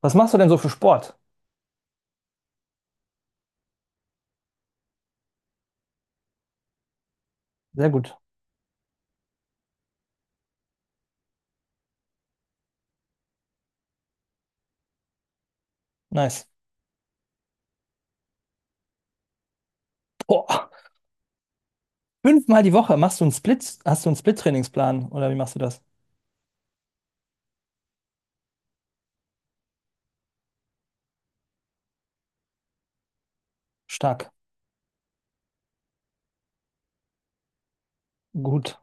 Was machst du denn so für Sport? Sehr gut. Nice. Boah. Fünfmal die Woche machst du einen Split, hast du einen Split-Trainingsplan oder wie machst du das? Stark. Gut.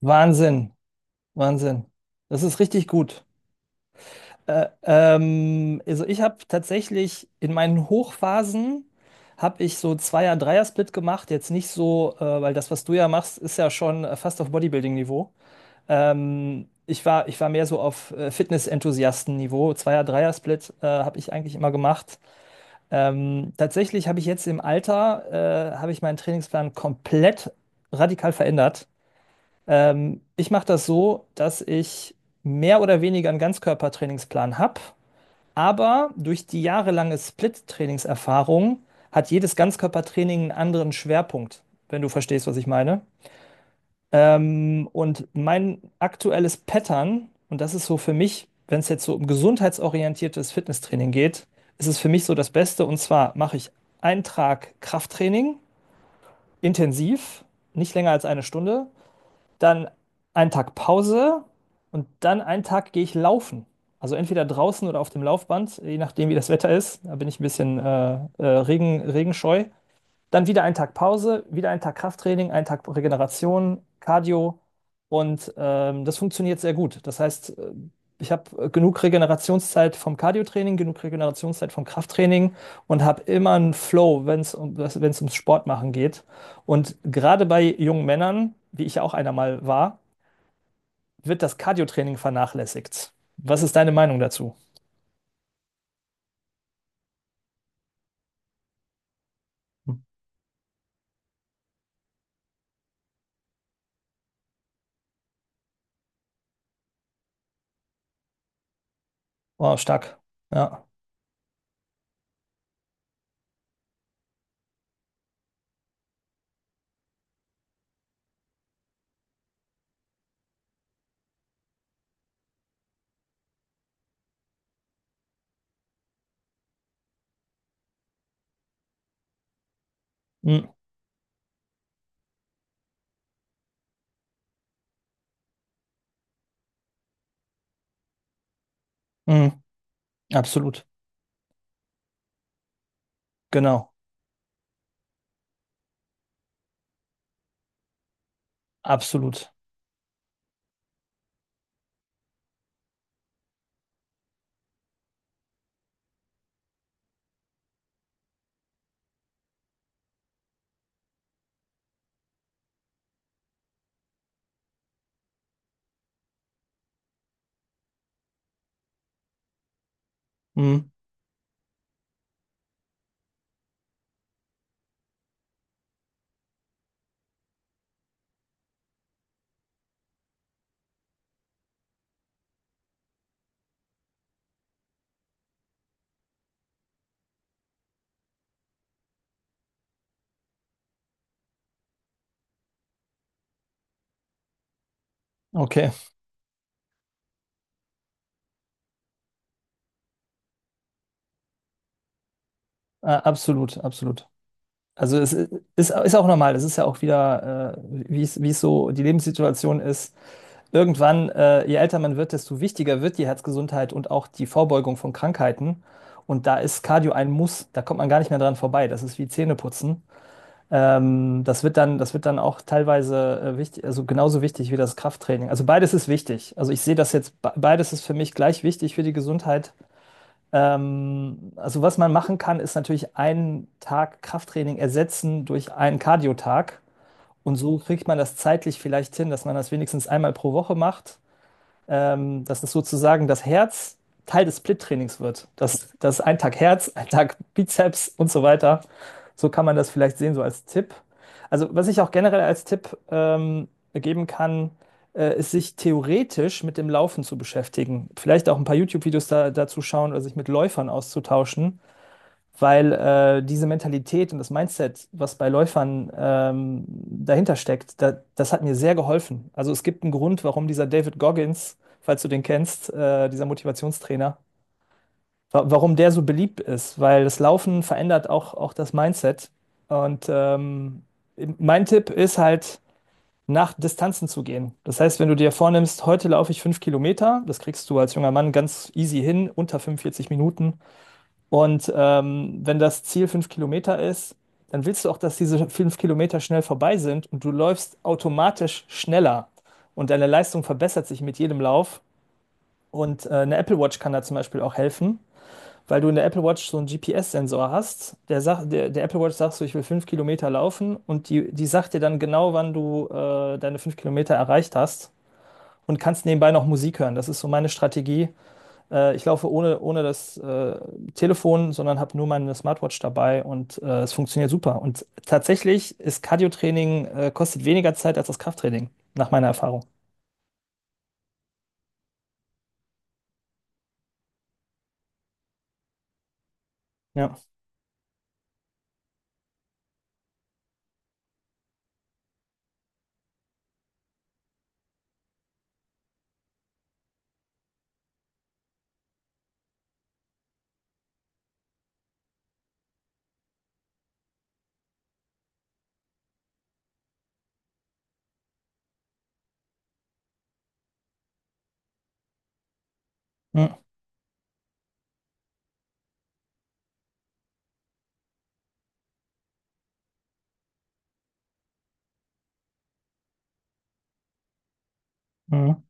Wahnsinn. Wahnsinn. Das ist richtig gut. Also ich habe tatsächlich in meinen Hochphasen habe ich so Zweier-, Dreier-Split gemacht. Jetzt nicht so, weil das, was du ja machst, ist ja schon fast auf Bodybuilding-Niveau. Ich war mehr so auf Fitness-Enthusiasten-Niveau. Zweier-Dreier-Split habe ich eigentlich immer gemacht. Tatsächlich habe ich jetzt im Alter, habe ich meinen Trainingsplan komplett radikal verändert. Ich mache das so, dass ich mehr oder weniger einen Ganzkörpertrainingsplan habe, aber durch die jahrelange Split-Trainingserfahrung hat jedes Ganzkörpertraining einen anderen Schwerpunkt, wenn du verstehst, was ich meine. Und mein aktuelles Pattern, und das ist so für mich, wenn es jetzt so um gesundheitsorientiertes Fitnesstraining geht, ist es für mich so das Beste. Und zwar mache ich einen Tag Krafttraining, intensiv, nicht länger als eine Stunde, dann einen Tag Pause und dann einen Tag gehe ich laufen. Also entweder draußen oder auf dem Laufband, je nachdem, wie das Wetter ist. Da bin ich ein bisschen Regen, regenscheu. Dann wieder ein Tag Pause, wieder ein Tag Krafttraining, ein Tag Regeneration, Cardio. Und das funktioniert sehr gut. Das heißt, ich habe genug Regenerationszeit vom Cardiotraining, genug Regenerationszeit vom Krafttraining und habe immer einen Flow, wenn es ums Sportmachen geht. Und gerade bei jungen Männern, wie ich ja auch einer mal war, wird das Cardiotraining vernachlässigt. Was ist deine Meinung dazu? Oh, stark. Ja. Mm, mm, absolut. Genau. Absolut. Mm, okay. Ah, absolut, absolut. Also es i- ist, ist auch normal, es ist ja auch wieder, wie es so die Lebenssituation ist. Irgendwann, je älter man wird, desto wichtiger wird die Herzgesundheit und auch die Vorbeugung von Krankheiten. Und da ist Cardio ein Muss, da kommt man gar nicht mehr dran vorbei. Das ist wie Zähneputzen. Das wird dann auch teilweise wichtig, also genauso wichtig wie das Krafttraining. Also beides ist wichtig. Also ich sehe das jetzt, be- beides ist für mich gleich wichtig für die Gesundheit. Also was man machen kann, ist natürlich einen Tag Krafttraining ersetzen durch einen Cardio-Tag. Und so kriegt man das zeitlich vielleicht hin, dass man das wenigstens einmal pro Woche macht, dass es sozusagen das Herz Teil des Split-Trainings wird. Dass, das ein Tag Herz, ein Tag Bizeps und so weiter. So kann man das vielleicht sehen, so als Tipp. Also, was ich auch generell als Tipp geben kann, ist, sich theoretisch mit dem Laufen zu beschäftigen. Vielleicht auch ein paar YouTube-Videos dazu schauen oder sich mit Läufern auszutauschen, weil diese Mentalität und das Mindset, was bei Läufern dahinter steckt, das hat mir sehr geholfen. Also es gibt einen Grund, warum dieser David Goggins, falls du den kennst, dieser Motivationstrainer, wa warum der so beliebt ist, weil das Laufen verändert auch das Mindset. Und mein Tipp ist halt, nach Distanzen zu gehen. Das heißt, wenn du dir vornimmst, heute laufe ich 5 Kilometer, das kriegst du als junger Mann ganz easy hin, unter 45 Minuten. Und wenn das Ziel 5 Kilometer ist, dann willst du auch, dass diese 5 Kilometer schnell vorbei sind und du läufst automatisch schneller und deine Leistung verbessert sich mit jedem Lauf. Und eine Apple Watch kann da zum Beispiel auch helfen, weil du in der Apple Watch so einen GPS-Sensor hast. Der Apple Watch sagt so, ich will 5 Kilometer laufen und die sagt dir dann genau, wann du deine 5 Kilometer erreicht hast und kannst nebenbei noch Musik hören. Das ist so meine Strategie, ich laufe ohne das Telefon, sondern habe nur meine Smartwatch dabei und es funktioniert super. Und tatsächlich ist Cardio-Training kostet weniger Zeit als das Krafttraining, nach meiner Erfahrung. Ja. Mhm. Mhm.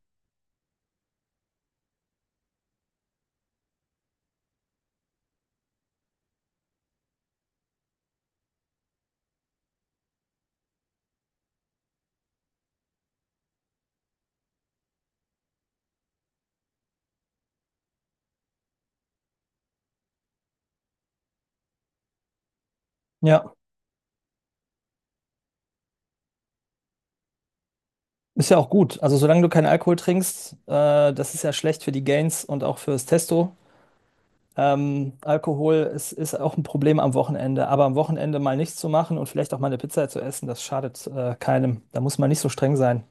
Ja. Ist ja auch gut. Also solange du keinen Alkohol trinkst, das ist ja schlecht für die Gains und auch fürs Testo. Alkohol ist auch ein Problem am Wochenende. Aber am Wochenende mal nichts zu machen und vielleicht auch mal eine Pizza zu essen, das schadet keinem. Da muss man nicht so streng sein.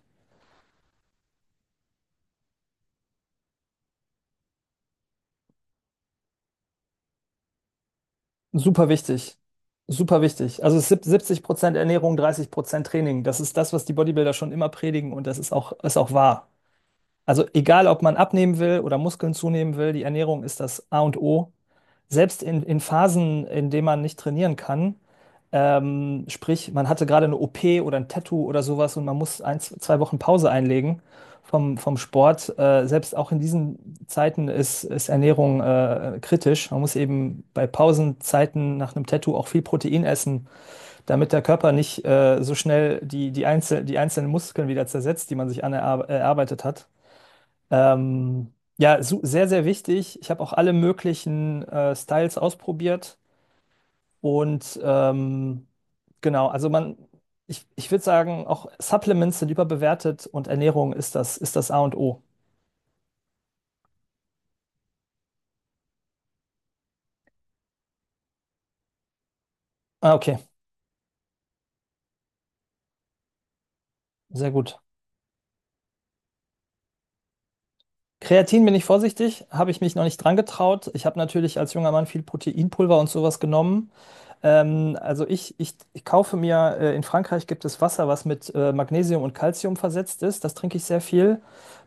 Super wichtig. Super wichtig. 70% Ernährung, 30% Training. Das ist das, was die Bodybuilder schon immer predigen und das ist ist auch wahr. Also egal, ob man abnehmen will oder Muskeln zunehmen will, die Ernährung ist das A und O, selbst in Phasen, in denen man nicht trainieren kann, sprich, man hatte gerade eine OP oder ein Tattoo oder sowas und man muss ein, zwei Wochen Pause einlegen vom Sport. Selbst auch in diesen Zeiten ist Ernährung kritisch. Man muss eben bei Pausenzeiten nach einem Tattoo auch viel Protein essen, damit der Körper nicht so schnell die einzelnen Muskeln wieder zersetzt, die man sich anerarbeitet hat. Sehr, sehr wichtig. Ich habe auch alle möglichen Styles ausprobiert und genau, also man, ich würde sagen, auch Supplements sind überbewertet und Ernährung ist ist das A und O. Ah, okay, sehr gut. Kreatin bin ich vorsichtig, habe ich mich noch nicht dran getraut. Ich habe natürlich als junger Mann viel Proteinpulver und sowas genommen. Ich kaufe mir, in Frankreich gibt es Wasser, was mit Magnesium und Calcium versetzt ist. Das trinke ich sehr viel.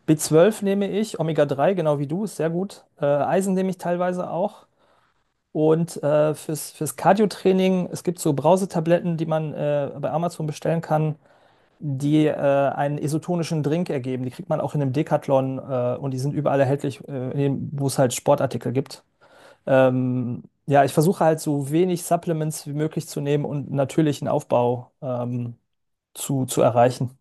B12 nehme ich, Omega-3, genau wie du, ist sehr gut. Eisen nehme ich teilweise auch. Und fürs Cardio-Training, es gibt so Brausetabletten, die man bei Amazon bestellen kann, die einen isotonischen Drink ergeben. Die kriegt man auch in einem Decathlon und die sind überall erhältlich, wo es halt Sportartikel gibt. Ja, ich versuche halt so wenig Supplements wie möglich zu nehmen und natürlichen Aufbau zu erreichen.